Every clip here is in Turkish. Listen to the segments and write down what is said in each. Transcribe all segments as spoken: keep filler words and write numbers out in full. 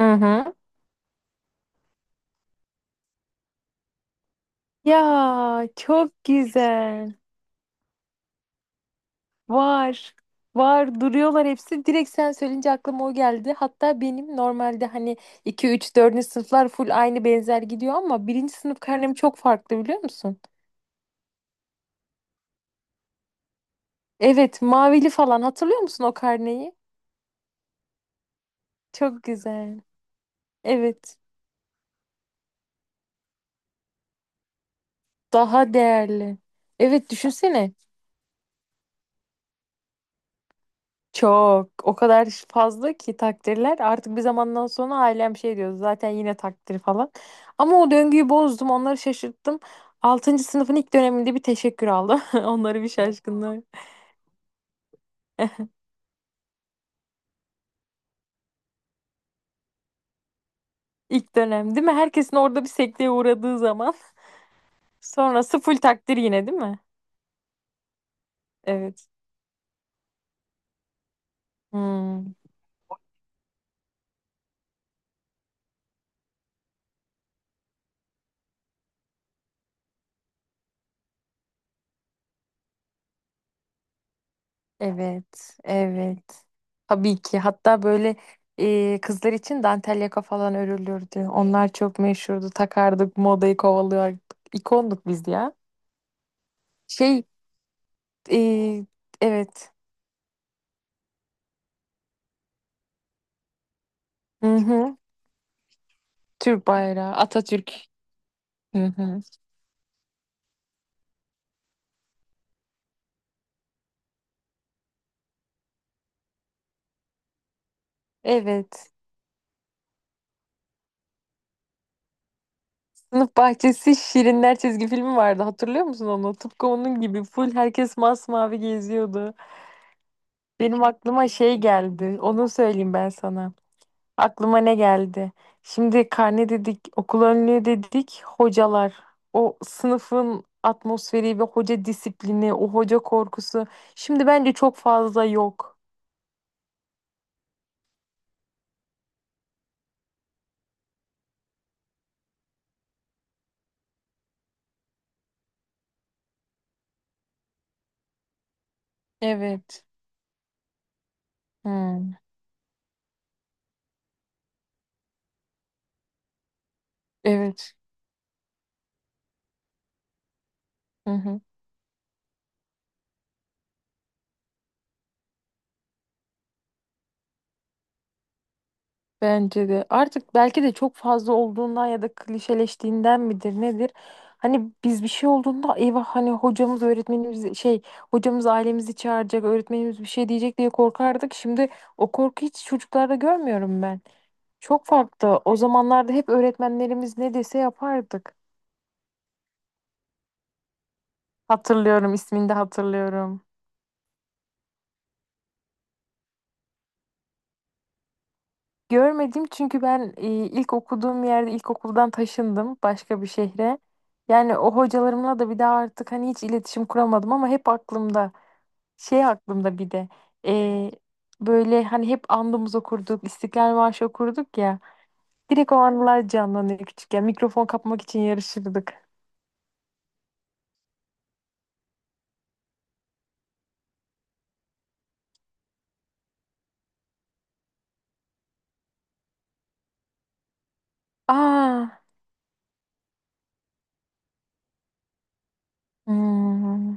Hı hı. Ya çok güzel. Var. Var duruyorlar hepsi. Direkt sen söyleyince aklıma o geldi. Hatta benim normalde hani iki, üç, dördüncü sınıflar full aynı benzer gidiyor ama birinci sınıf karnem çok farklı biliyor musun? Evet mavili falan hatırlıyor musun o karneyi? Çok güzel. Evet daha değerli. Evet düşünsene. Çok. O kadar fazla ki takdirler. Artık bir zamandan sonra ailem şey diyor zaten yine takdir falan. Ama o döngüyü bozdum. Onları şaşırttım. Altıncı sınıfın ilk döneminde bir teşekkür aldım. Onları bir şaşkınlığı. İlk dönem değil mi? Herkesin orada bir sekteye uğradığı zaman. Sonrası full takdir yine değil mi? Evet. Hmm. Evet, evet. Tabii ki. Hatta böyle e, kızlar için dantel yaka falan örülürdü. Onlar çok meşhurdu. Takardık, modayı kovalıyorduk. İkonduk biz ya. Şey, e, evet. Hı hı. Türk bayrağı, Atatürk. Hı hı. Evet. Sınıf bahçesi Şirinler çizgi filmi vardı. Hatırlıyor musun onu? Tıpkı onun gibi full herkes masmavi geziyordu. Benim aklıma şey geldi. Onu söyleyeyim ben sana. Aklıma ne geldi? Şimdi karne dedik, okul önlüğü dedik, hocalar. O sınıfın atmosferi ve hoca disiplini, o hoca korkusu. Şimdi bence çok fazla yok. Evet. Hmm. Evet. Hı hı. Bence de. Artık belki de çok fazla olduğundan ya da klişeleştiğinden midir nedir? Hani biz bir şey olduğunda eyvah hani hocamız öğretmenimiz şey hocamız ailemizi çağıracak öğretmenimiz bir şey diyecek diye korkardık. Şimdi o korku hiç çocuklarda görmüyorum ben. Çok farklı. O zamanlarda hep öğretmenlerimiz ne dese yapardık. Hatırlıyorum, ismini de hatırlıyorum. Görmedim çünkü ben e, ilk okuduğum yerde ilkokuldan taşındım başka bir şehre. Yani o hocalarımla da bir daha artık hani hiç iletişim kuramadım ama hep aklımda. Şey aklımda bir de e, böyle hani hep andımız okurduk, İstiklal Marşı okurduk ya. Direkt o anılar canlanıyor küçükken. Mikrofon kapmak için yarışırdık. Aa, hmm.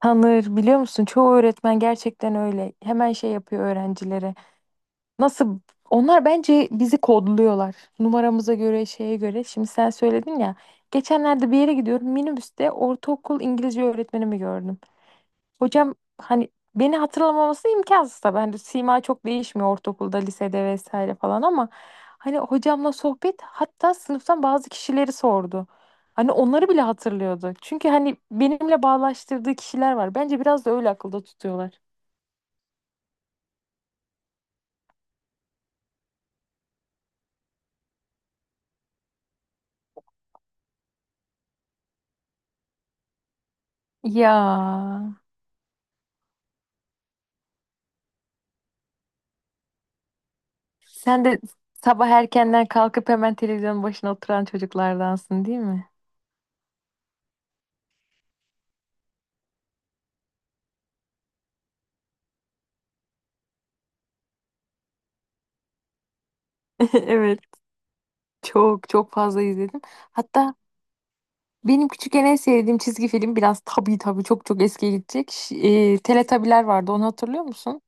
Tanır biliyor musun? Çoğu öğretmen gerçekten öyle. Hemen şey yapıyor öğrencilere. Nasıl? Onlar bence bizi kodluyorlar. Numaramıza göre, şeye göre. Şimdi sen söyledin ya. Geçenlerde bir yere gidiyorum. Minibüste ortaokul İngilizce öğretmenimi gördüm. Hocam hani beni hatırlamaması imkansız tabii. Hani sima çok değişmiyor ortaokulda, lisede vesaire falan ama hani hocamla sohbet hatta sınıftan bazı kişileri sordu. Hani onları bile hatırlıyordu. Çünkü hani benimle bağlaştırdığı kişiler var. Bence biraz da öyle akılda tutuyorlar. Ya sen de sabah erkenden kalkıp hemen televizyonun başına oturan çocuklardansın değil mi? Evet, çok çok fazla izledim. Hatta benim küçükken en sevdiğim çizgi film biraz tabii tabii çok çok eskiye gidecek. Ş- E, Teletabiler vardı onu hatırlıyor musun?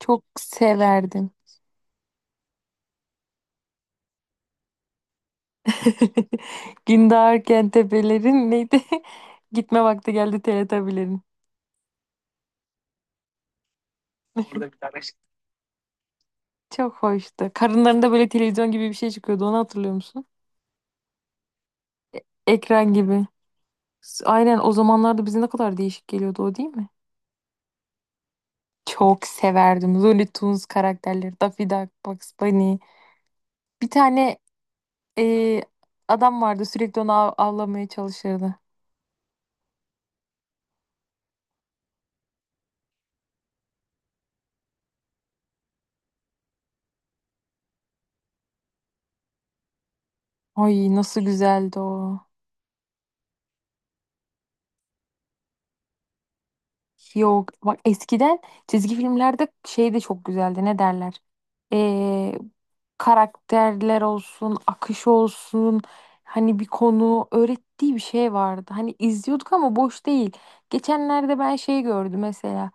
Çok severdim. Gündoğar Kentepe'lerin neydi? Gitme vakti geldi Teletabilerin. Çok hoştu. Karınlarında böyle televizyon gibi bir şey çıkıyordu onu hatırlıyor musun? E- Ekran gibi. S- Aynen o zamanlarda bize ne kadar değişik geliyordu o değil mi? Çok severdim. Looney Tunes karakterleri, Daffy Duck, Bugs Bunny. Bir tane Ee, adam vardı sürekli onu av- avlamaya çalışırdı. Ay nasıl güzeldi o. Yok bak eskiden çizgi filmlerde şey de çok güzeldi ne derler Ee, karakterler olsun akış olsun hani bir konu öğrettiği bir şey vardı hani izliyorduk ama boş değil geçenlerde ben şey gördüm mesela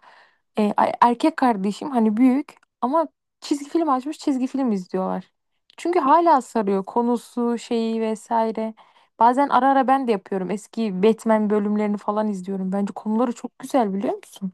Ee, a- erkek kardeşim hani büyük ama çizgi film açmış çizgi film izliyorlar çünkü hala sarıyor konusu şeyi vesaire Bazen ara ara ben de yapıyorum. Eski Batman bölümlerini falan izliyorum. Bence konuları çok güzel biliyor musun?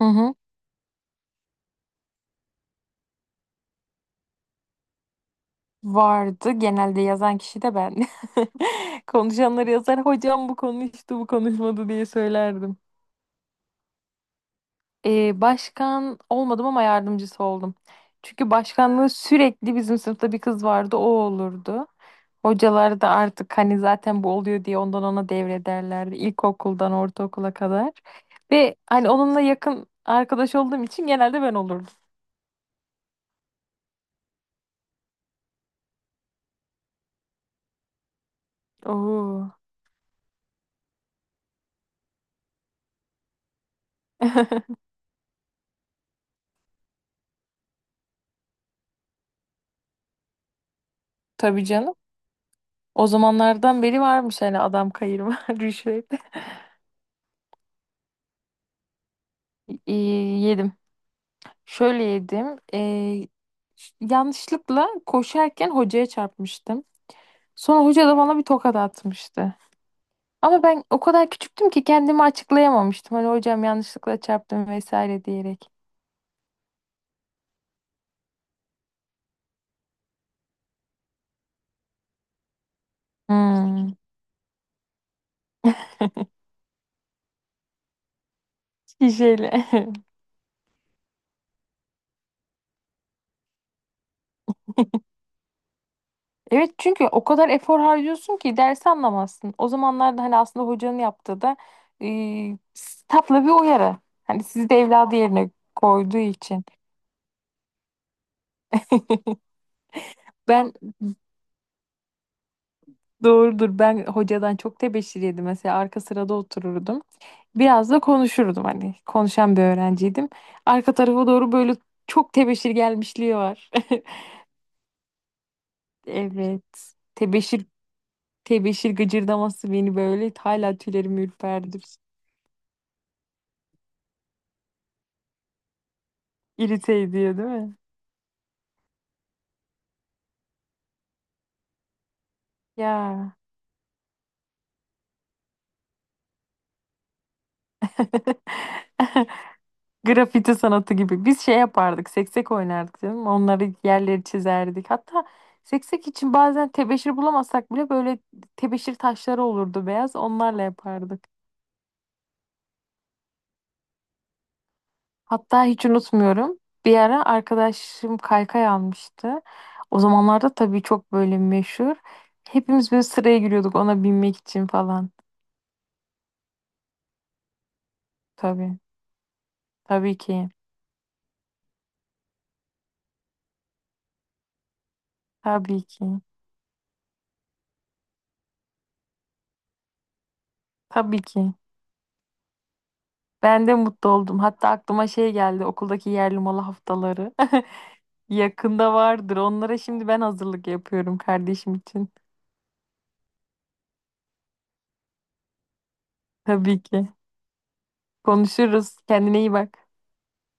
Hı hı. Vardı. Genelde yazan kişi de ben. Konuşanları yazar. Hocam bu konuştu, bu konuşmadı diye söylerdim. Ee, başkan olmadım ama yardımcısı oldum. Çünkü başkanlığı sürekli bizim sınıfta bir kız vardı, o olurdu. Hocalar da artık hani zaten bu oluyor diye ondan ona devrederlerdi ilkokuldan ortaokula kadar. Ve hani onunla yakın arkadaş olduğum için genelde ben olurdum. Oo. Tabii canım. O zamanlardan beri varmış hani adam kayırma rüşvet. Ee, yedim. Şöyle yedim. Ee, yanlışlıkla koşarken hocaya çarpmıştım. Sonra hoca da bana bir tokat atmıştı. Ama ben o kadar küçüktüm ki kendimi açıklayamamıştım. Hani hocam yanlışlıkla çarptım vesaire diyerek. Hmm. Şişeyle. Evet çünkü o kadar efor harcıyorsun ki dersi anlamazsın. O zamanlarda hani aslında hocanın yaptığı da e, tatlı bir uyarı. Hani sizi de evladı yerine koyduğu için. Ben doğrudur ben hocadan çok tebeşir yedim. Mesela arka sırada otururdum. Biraz da konuşurdum hani. Konuşan bir öğrenciydim. Arka tarafa doğru böyle çok tebeşir gelmişliği var. Evet. Tebeşir tebeşir gıcırdaması beni böyle hala tüylerim ürperdir. İrite ediyor değil mi? Ya. Grafiti sanatı gibi. Biz şey yapardık, seksek oynardık değil mi? Onları yerleri çizerdik. Hatta seksek için bazen tebeşir bulamazsak bile böyle tebeşir taşları olurdu beyaz. Onlarla yapardık. Hatta hiç unutmuyorum. Bir ara arkadaşım kaykay almıştı. O zamanlarda tabii çok böyle meşhur. Hepimiz böyle sıraya giriyorduk ona binmek için falan. Tabii. Tabii ki. Tabii ki. Tabii ki. Ben de mutlu oldum. Hatta aklıma şey geldi okuldaki yerli malı haftaları. Yakında vardır. Onlara şimdi ben hazırlık yapıyorum kardeşim için. Tabii ki. Konuşuruz. Kendine iyi bak.